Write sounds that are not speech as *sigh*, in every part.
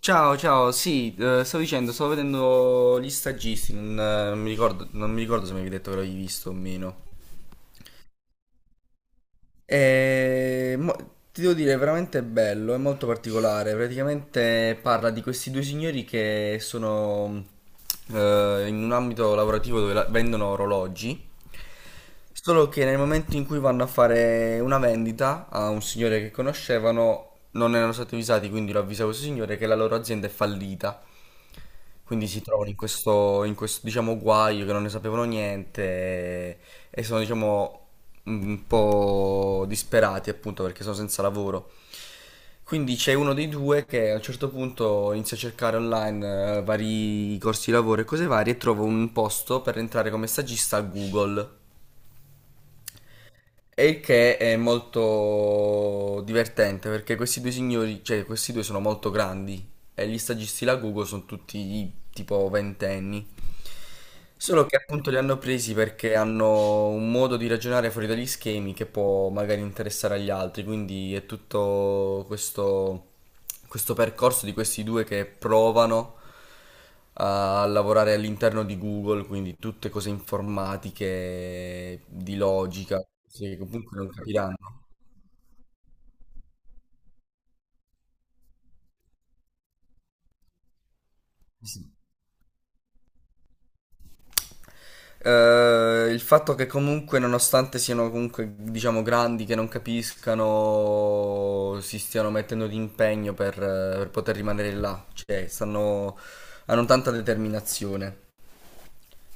Ciao, ciao, sì, stavo dicendo, stavo vedendo Gli Stagisti, non mi ricordo, non mi ricordo se mi avevi detto che l'avevi visto o meno. E, ti devo dire, è veramente bello, è molto particolare. Praticamente parla di questi due signori che sono in un ambito lavorativo dove vendono orologi. Solo che nel momento in cui vanno a fare una vendita a un signore che conoscevano, non erano stati avvisati, quindi lo avvisa questo signore che la loro azienda è fallita. Quindi si trovano in questo, diciamo, guaio che non ne sapevano niente e, e sono, diciamo, un po' disperati appunto perché sono senza lavoro. Quindi c'è uno dei due che a un certo punto inizia a cercare online vari corsi di lavoro e cose varie e trova un posto per entrare come stagista a Google. E il che è molto divertente perché questi due signori, cioè questi due sono molto grandi e gli stagisti la Google sono tutti tipo ventenni. Solo che appunto li hanno presi perché hanno un modo di ragionare fuori dagli schemi che può magari interessare agli altri, quindi è tutto questo, questo percorso di questi due che provano a lavorare all'interno di Google, quindi tutte cose informatiche, di logica, cose che comunque non capiranno. Sì. Il fatto che comunque, nonostante siano comunque, diciamo, grandi, che non capiscano, si stiano mettendo di impegno per poter rimanere là, cioè stanno, hanno tanta determinazione.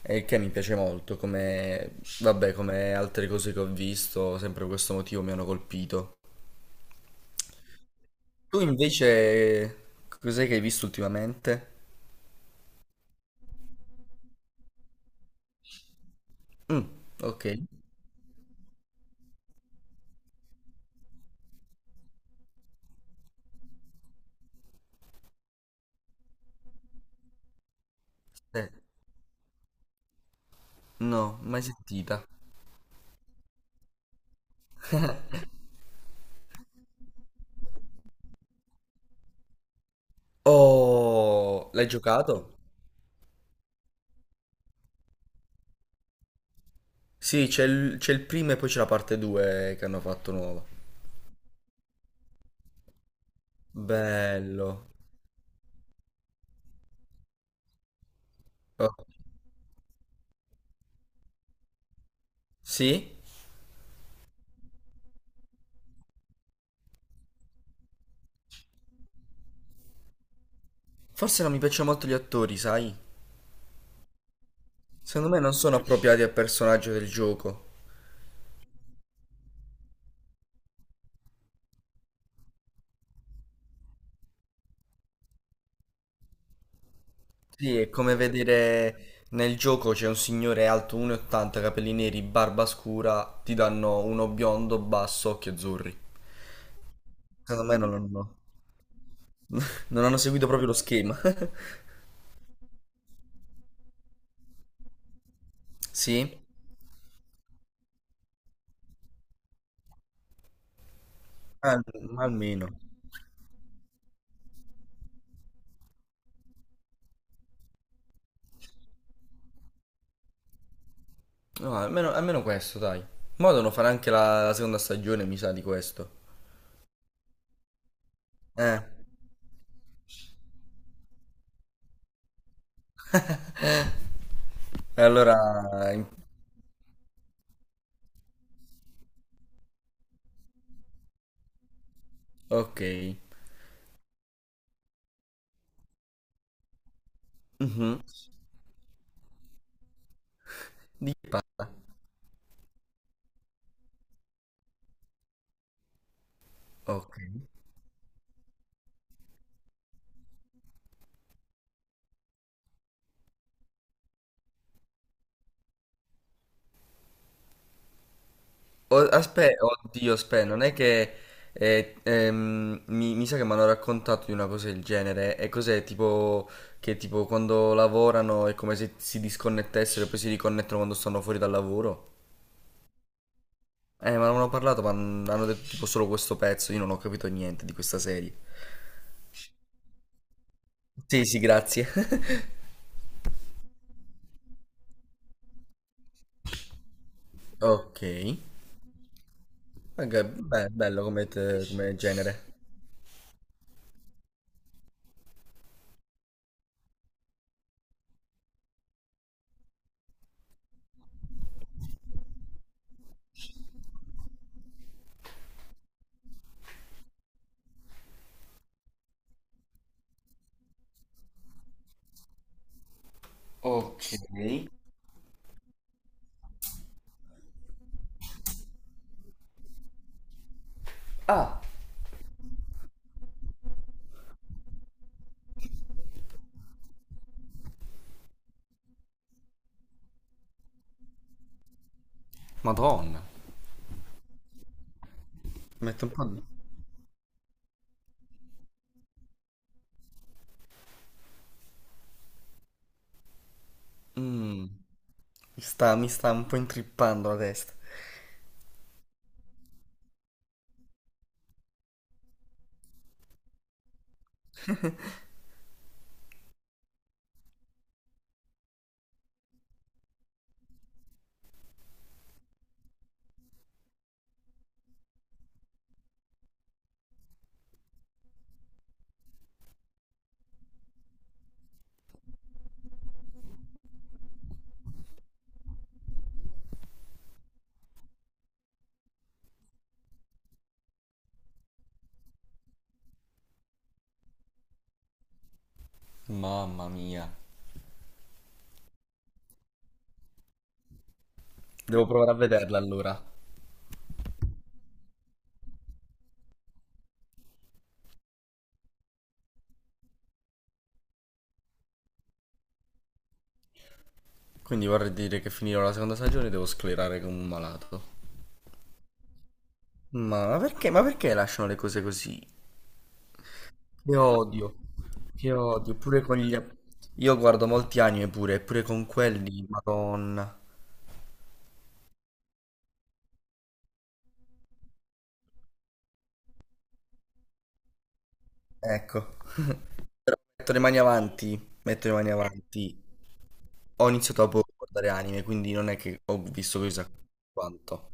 E il che mi piace molto, come, vabbè, come altre cose che ho visto, sempre per questo motivo mi hanno colpito. Tu invece cos'è che hai visto ultimamente? Mm, ok. Eh, no, mai sentita. Oh, l'hai giocato? Sì, c'è il primo e poi c'è la parte 2 che hanno fatto nuova. Bello. Oh, sì? Forse non mi piacciono molto gli attori, sai? Secondo me non sono appropriati al personaggio del gioco. Sì, è come vedere nel gioco c'è un signore alto 1,80, capelli neri, barba scura, ti danno uno biondo, basso, occhi azzurri. Secondo me non hanno, non hanno seguito proprio lo schema. *laughs* Sì? Al- almeno. No, almeno questo, dai. Mo' devono fare anche la seconda stagione, mi sa, di questo. Eh, *laughs* E allora... Ok. Mhm. Di che parla? Ok. Aspe, oddio, aspe, non è che mi sa che mi hanno raccontato di una cosa del genere. E cos'è? Tipo che tipo quando lavorano è come se si disconnettessero e poi si riconnettono quando stanno fuori dal lavoro. Ma non hanno parlato, ma hanno detto tipo solo questo pezzo. Io non ho capito niente di questa serie. Sì, sì, grazie. *laughs* Ok. Ok, beh, bello come, come genere. Ok. Ah, madonna. Metto un po' di... Mm. Mi sta un po' intrippando la testa. Mamma mia. Devo provare a vederla allora. Quindi vorrei dire che finirò la seconda stagione e devo sclerare come un malato. Ma perché lasciano le cose così? Che odio. Che odio. Pure con gli... Io guardo molti anime pure, pure con quelli, madonna. Ecco. *laughs* Però metto le mani avanti. Metto le mani avanti. Ho iniziato a guardare anime, quindi non è che ho visto chissà quanto.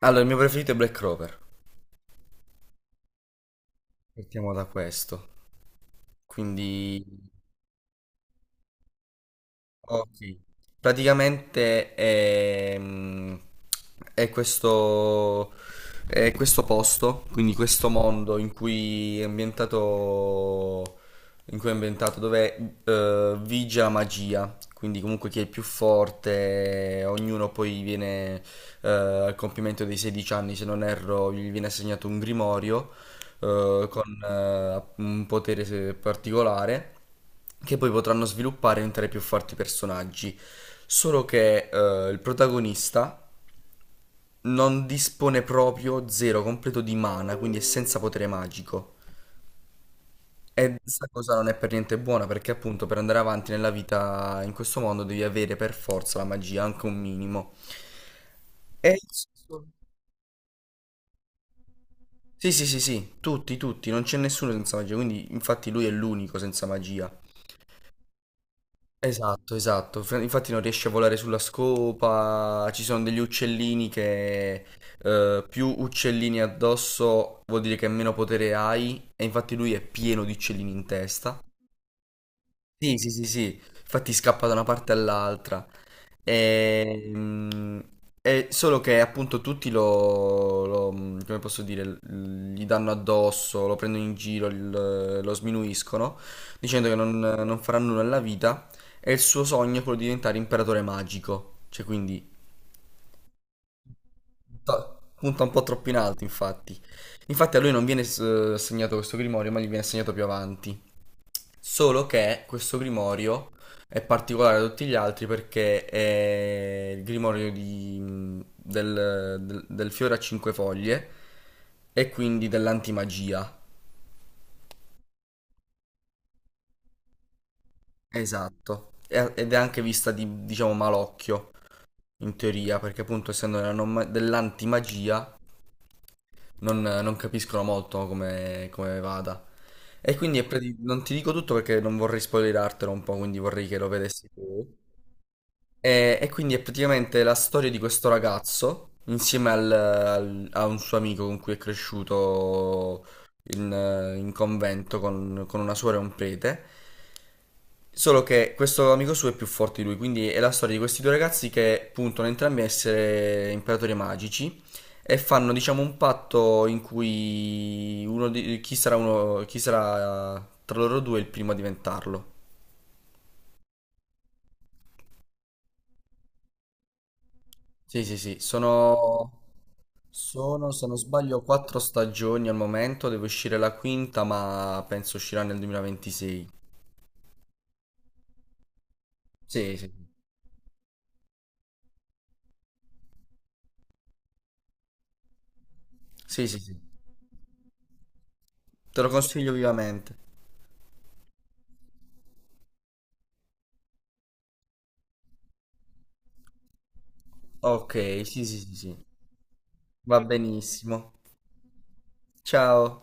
Allora, il mio preferito è Black Clover. Partiamo da questo. Quindi, ok. Praticamente è, questo, è questo posto, quindi questo mondo in cui è ambientato, in cui è ambientato dove vige la magia. Quindi comunque chi è il più forte, ognuno poi viene al compimento dei 16 anni, se non erro, gli viene assegnato un grimorio con un potere particolare che poi potranno sviluppare e diventare più forti personaggi. Solo che il protagonista non dispone proprio zero completo di mana, quindi è senza potere magico. E questa cosa non è per niente buona perché appunto per andare avanti nella vita in questo mondo devi avere per forza la magia, anche un minimo. E... sì, sì, sì, sì, tutti, tutti, non c'è nessuno senza magia, quindi infatti lui è l'unico senza magia. Esatto, esatto. Infatti non riesce a volare sulla scopa, ci sono degli uccellini che più uccellini addosso vuol dire che meno potere hai e infatti lui è pieno di uccellini in testa. Sì, sì, sì, sì, infatti scappa da una parte all'altra. Ehm, È solo che appunto tutti lo, lo- come posso dire, l- gli danno addosso, lo prendono in giro, lo sminuiscono, dicendo che non farà nulla nella vita e il suo sogno è quello di diventare imperatore magico. Cioè, quindi punta un po' troppo in alto, infatti. Infatti a lui non viene assegnato questo grimorio, ma gli viene assegnato più avanti. Solo che questo grimorio è particolare da tutti gli altri perché è il grimorio del fiore a cinque foglie e quindi dell'antimagia. Esatto. Ed è anche vista di, diciamo, malocchio in teoria, perché appunto essendo nella non ma- dell'antimagia non capiscono molto come, come vada. E quindi è non ti dico tutto perché non vorrei spoilerartelo un po', quindi vorrei che lo vedessi tu. E quindi è praticamente la storia di questo ragazzo insieme a un suo amico con cui è cresciuto in, in convento con una suora e un prete. Solo che questo amico suo è più forte di lui, quindi è la storia di questi due ragazzi che puntano entrambi a essere imperatori magici e fanno, diciamo, un patto in cui uno di- chi sarà uno, chi sarà tra loro due il primo a diventarlo. Sì, sì, sì, sono sono, se non sbaglio, quattro stagioni al momento, deve uscire la quinta, ma penso uscirà nel 2026. Sì, sì, sì, sì, sì. Te lo consiglio vivamente. Ok, sì, sì, sì, sì. Va benissimo. Ciao.